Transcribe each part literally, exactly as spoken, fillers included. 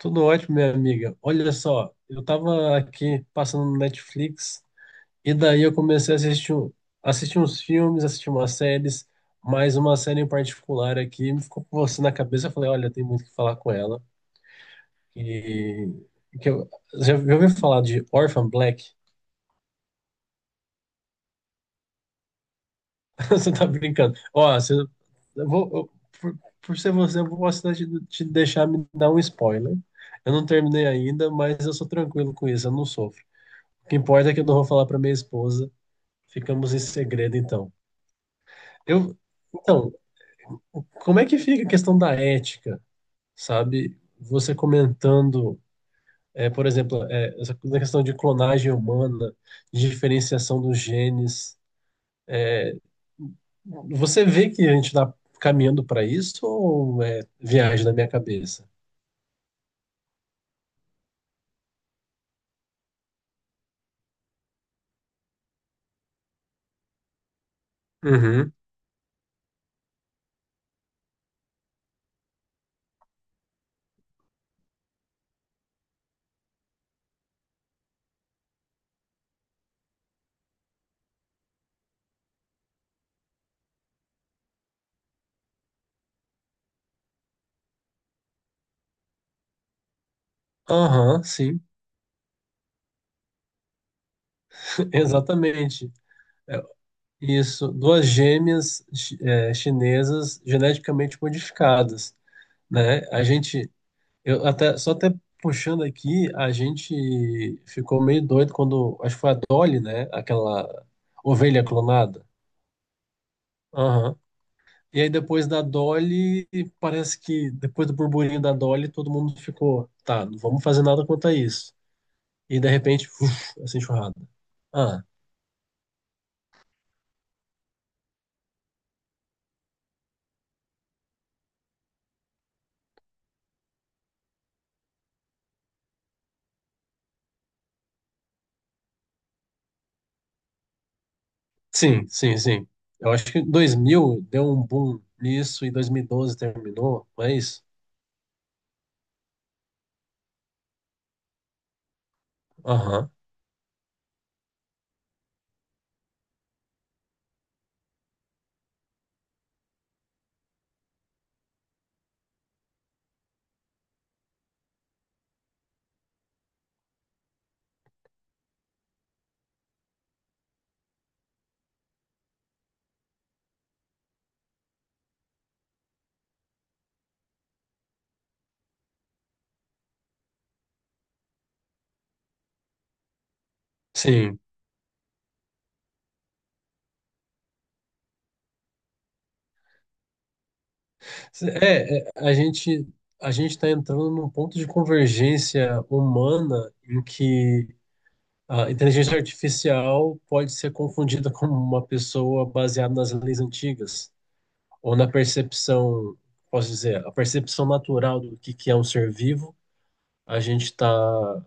Tudo ótimo, minha amiga. Olha só, eu tava aqui passando no Netflix e daí eu comecei a assistir, um- assistir uns filmes, assistir umas séries, mas uma série em particular aqui me ficou com você na cabeça. Eu falei, olha, tem muito o que falar com ela. E que eu, já, já ouviu falar de Orphan Black? Você tá brincando. Ó, você, eu vou, eu- por, por ser você, eu vou assinar te, te deixar me dar um spoiler. Eu não terminei ainda, mas eu sou tranquilo com isso, eu não sofro. O que importa é que eu não vou falar para minha esposa. Ficamos em segredo, então. Eu, então, como é que fica a questão da ética, sabe? Você comentando, é, por exemplo, é, essa coisa da questão de clonagem humana, de diferenciação dos genes. Você vê que a gente está caminhando para isso ou é viagem na minha cabeça? Uhum. Aham, sim, exatamente. É, Isso, duas gêmeas chi- é, chinesas geneticamente modificadas. Né? A gente, eu até, só até puxando aqui, a gente ficou meio doido quando, acho que foi a Dolly, né? Aquela ovelha clonada. Aham. E aí depois da Dolly, parece que depois do burburinho da Dolly, todo mundo ficou, tá, não vamos fazer nada quanto a isso. E de repente, uf, essa enxurrada. Ah, sim, sim, sim. Eu acho que dois mil deu um boom nisso e dois mil e doze terminou, não é isso? Aham. Sim, É, é, a gente a gente está entrando num ponto de convergência humana em que a inteligência artificial pode ser confundida com uma pessoa baseada nas leis antigas ou na percepção, posso dizer, a percepção natural do que que é um ser vivo. A gente está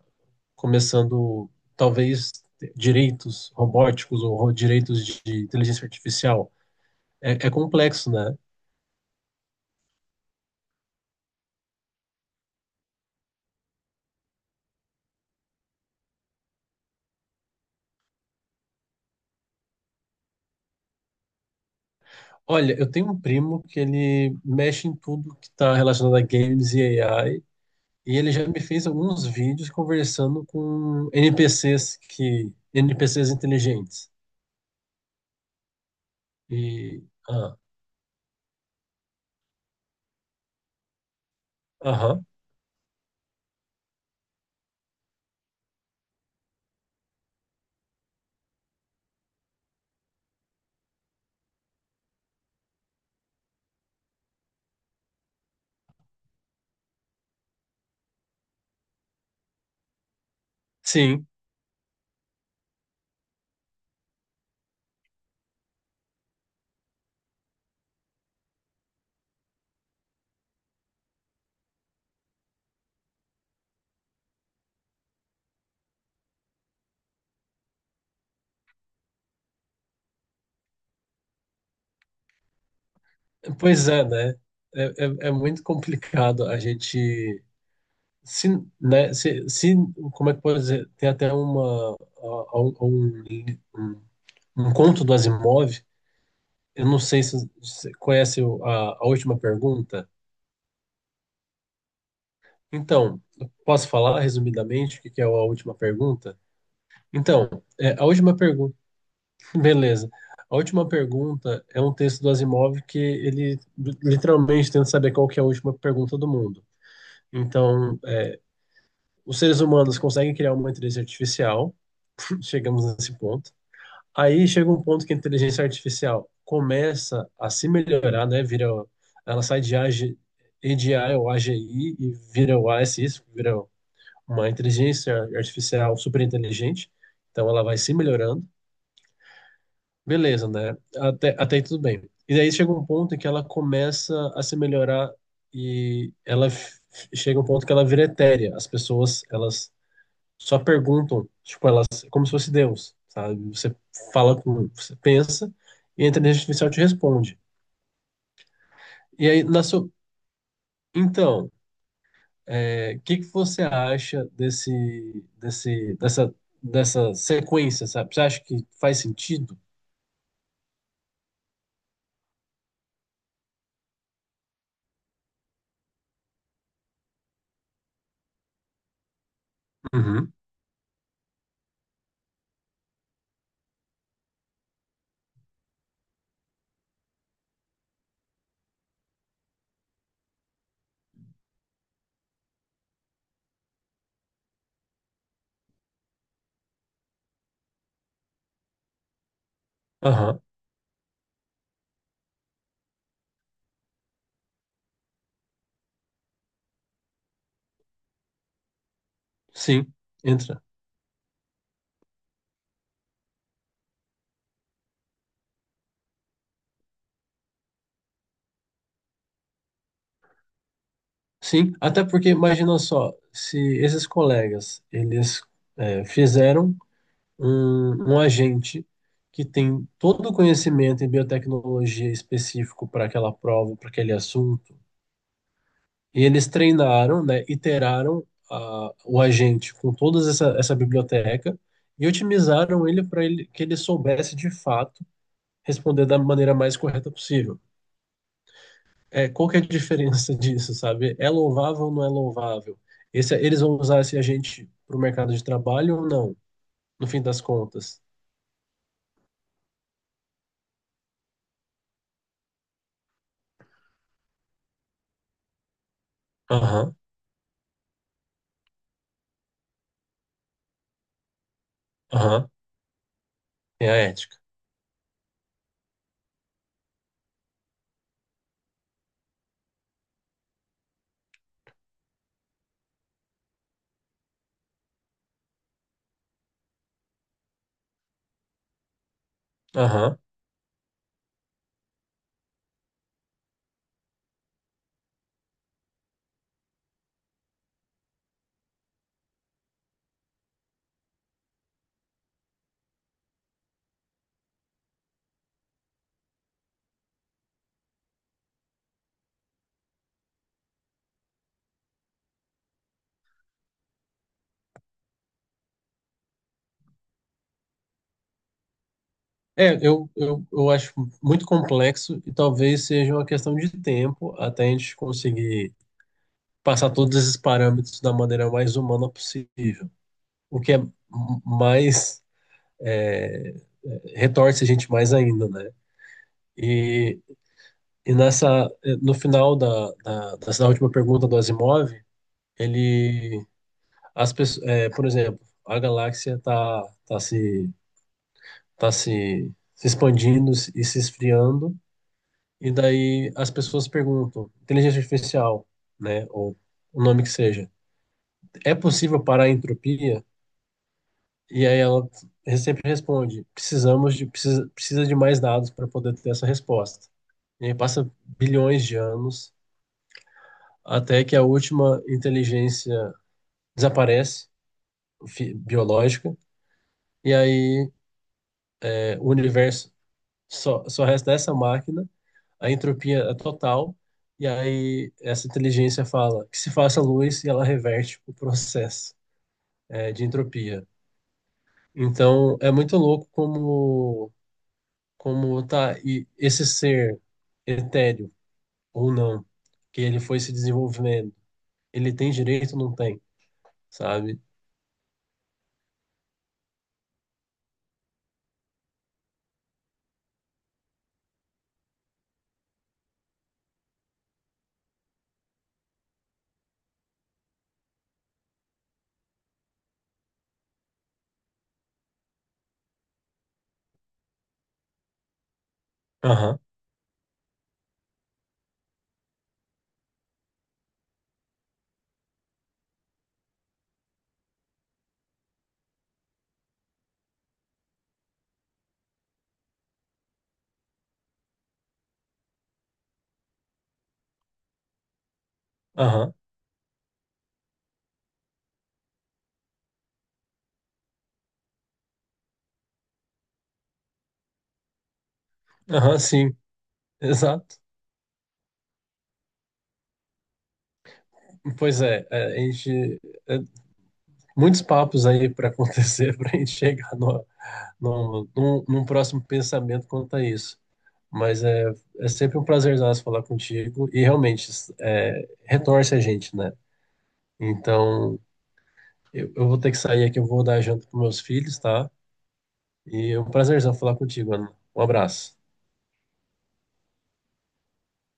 começando talvez direitos robóticos ou ro- direitos de de inteligência artificial. É, é complexo, né? Olha, eu tenho um primo que ele mexe em tudo que está relacionado a games e A I, e ele já me fez alguns vídeos conversando com N P Cs que N P Cs inteligentes. E ah, aham, sim, pois é, né? É, é, é muito complicado a gente se, né? Se, se como é que pode dizer? Tem até uma a- a- um, um, um um conto do Asimov. Eu não sei se você conhece o- a, a última pergunta. Então, posso falar resumidamente o que que é a última pergunta? Então, é, a última pergunta, beleza. A última pergunta é um texto do Asimov que ele literalmente tenta saber qual que é a última pergunta do mundo. Então, é, os seres humanos conseguem criar uma inteligência artificial, chegamos nesse ponto. Aí chega um ponto que a inteligência artificial começa a se melhorar, né? Vira, ela sai de A G, A G, I ou A G I e vira o A S I, vira uma inteligência artificial super inteligente, então ela vai se melhorando, beleza, né? Até, até aí tudo bem. E daí chega um ponto em que ela começa a se melhorar e ela f- chega um ponto que ela vira etérea. As pessoas, elas só perguntam, tipo, elas, como se fosse Deus, sabe? Você fala com, você pensa e a inteligência artificial te responde. E aí, na sua, então, O que que você acha desse, desse, dessa, dessa sequência, sabe? Você acha que faz sentido? Uhum. Aham, sim, entra. Sim, até porque imagina só, se esses colegas, eles é, fizeram um, um agente que tem todo o conhecimento em biotecnologia específico para aquela prova, para aquele assunto. E eles treinaram, né, iteraram a, o agente com toda essa, essa biblioteca e otimizaram ele para ele, que ele soubesse de fato responder da maneira mais correta possível. É, qual que é a diferença disso, sabe? É louvável ou não é louvável? Esse, eles vão usar esse agente para o mercado de trabalho ou não, no fim das contas? Aham, aham, é a ética. Aham. É, eu, eu, eu acho muito complexo e talvez seja uma questão de tempo até a gente conseguir passar todos esses parâmetros da maneira mais humana possível. O que é mais é, retorce a gente mais ainda, né? E, e nessa, é, no final da, da, dessa última pergunta do Asimov, ele, as pessoas, é, por exemplo, a galáxia está tá se, tá se, se expandindo e se esfriando, e daí as pessoas perguntam, inteligência artificial, né, ou o nome que seja, é possível parar a entropia? E aí ela sempre responde: precisamos de precisa, precisa de mais dados para poder ter essa resposta. E aí passa bilhões de anos até que a última inteligência desaparece, fi- biológica, e aí é, o universo só, só resta essa máquina, a entropia é total, e aí essa inteligência fala que se faça luz e ela reverte o processo é, de entropia. Então é muito louco como como tá e esse ser etéreo ou não, que ele foi se desenvolvendo, ele tem direito ou não tem, sabe? Aham, aham, aham, sim, exato. Pois é, é, a gente, é, muitos papos aí para acontecer para a gente chegar no, no, num, num próximo pensamento quanto a isso. Mas é, é sempre um prazerzaço falar contigo e realmente é, retorce a gente, né? Então, eu, eu vou ter que sair aqui, eu vou dar janta para meus filhos, tá? E é um prazerzão falar contigo, Ana. Um abraço.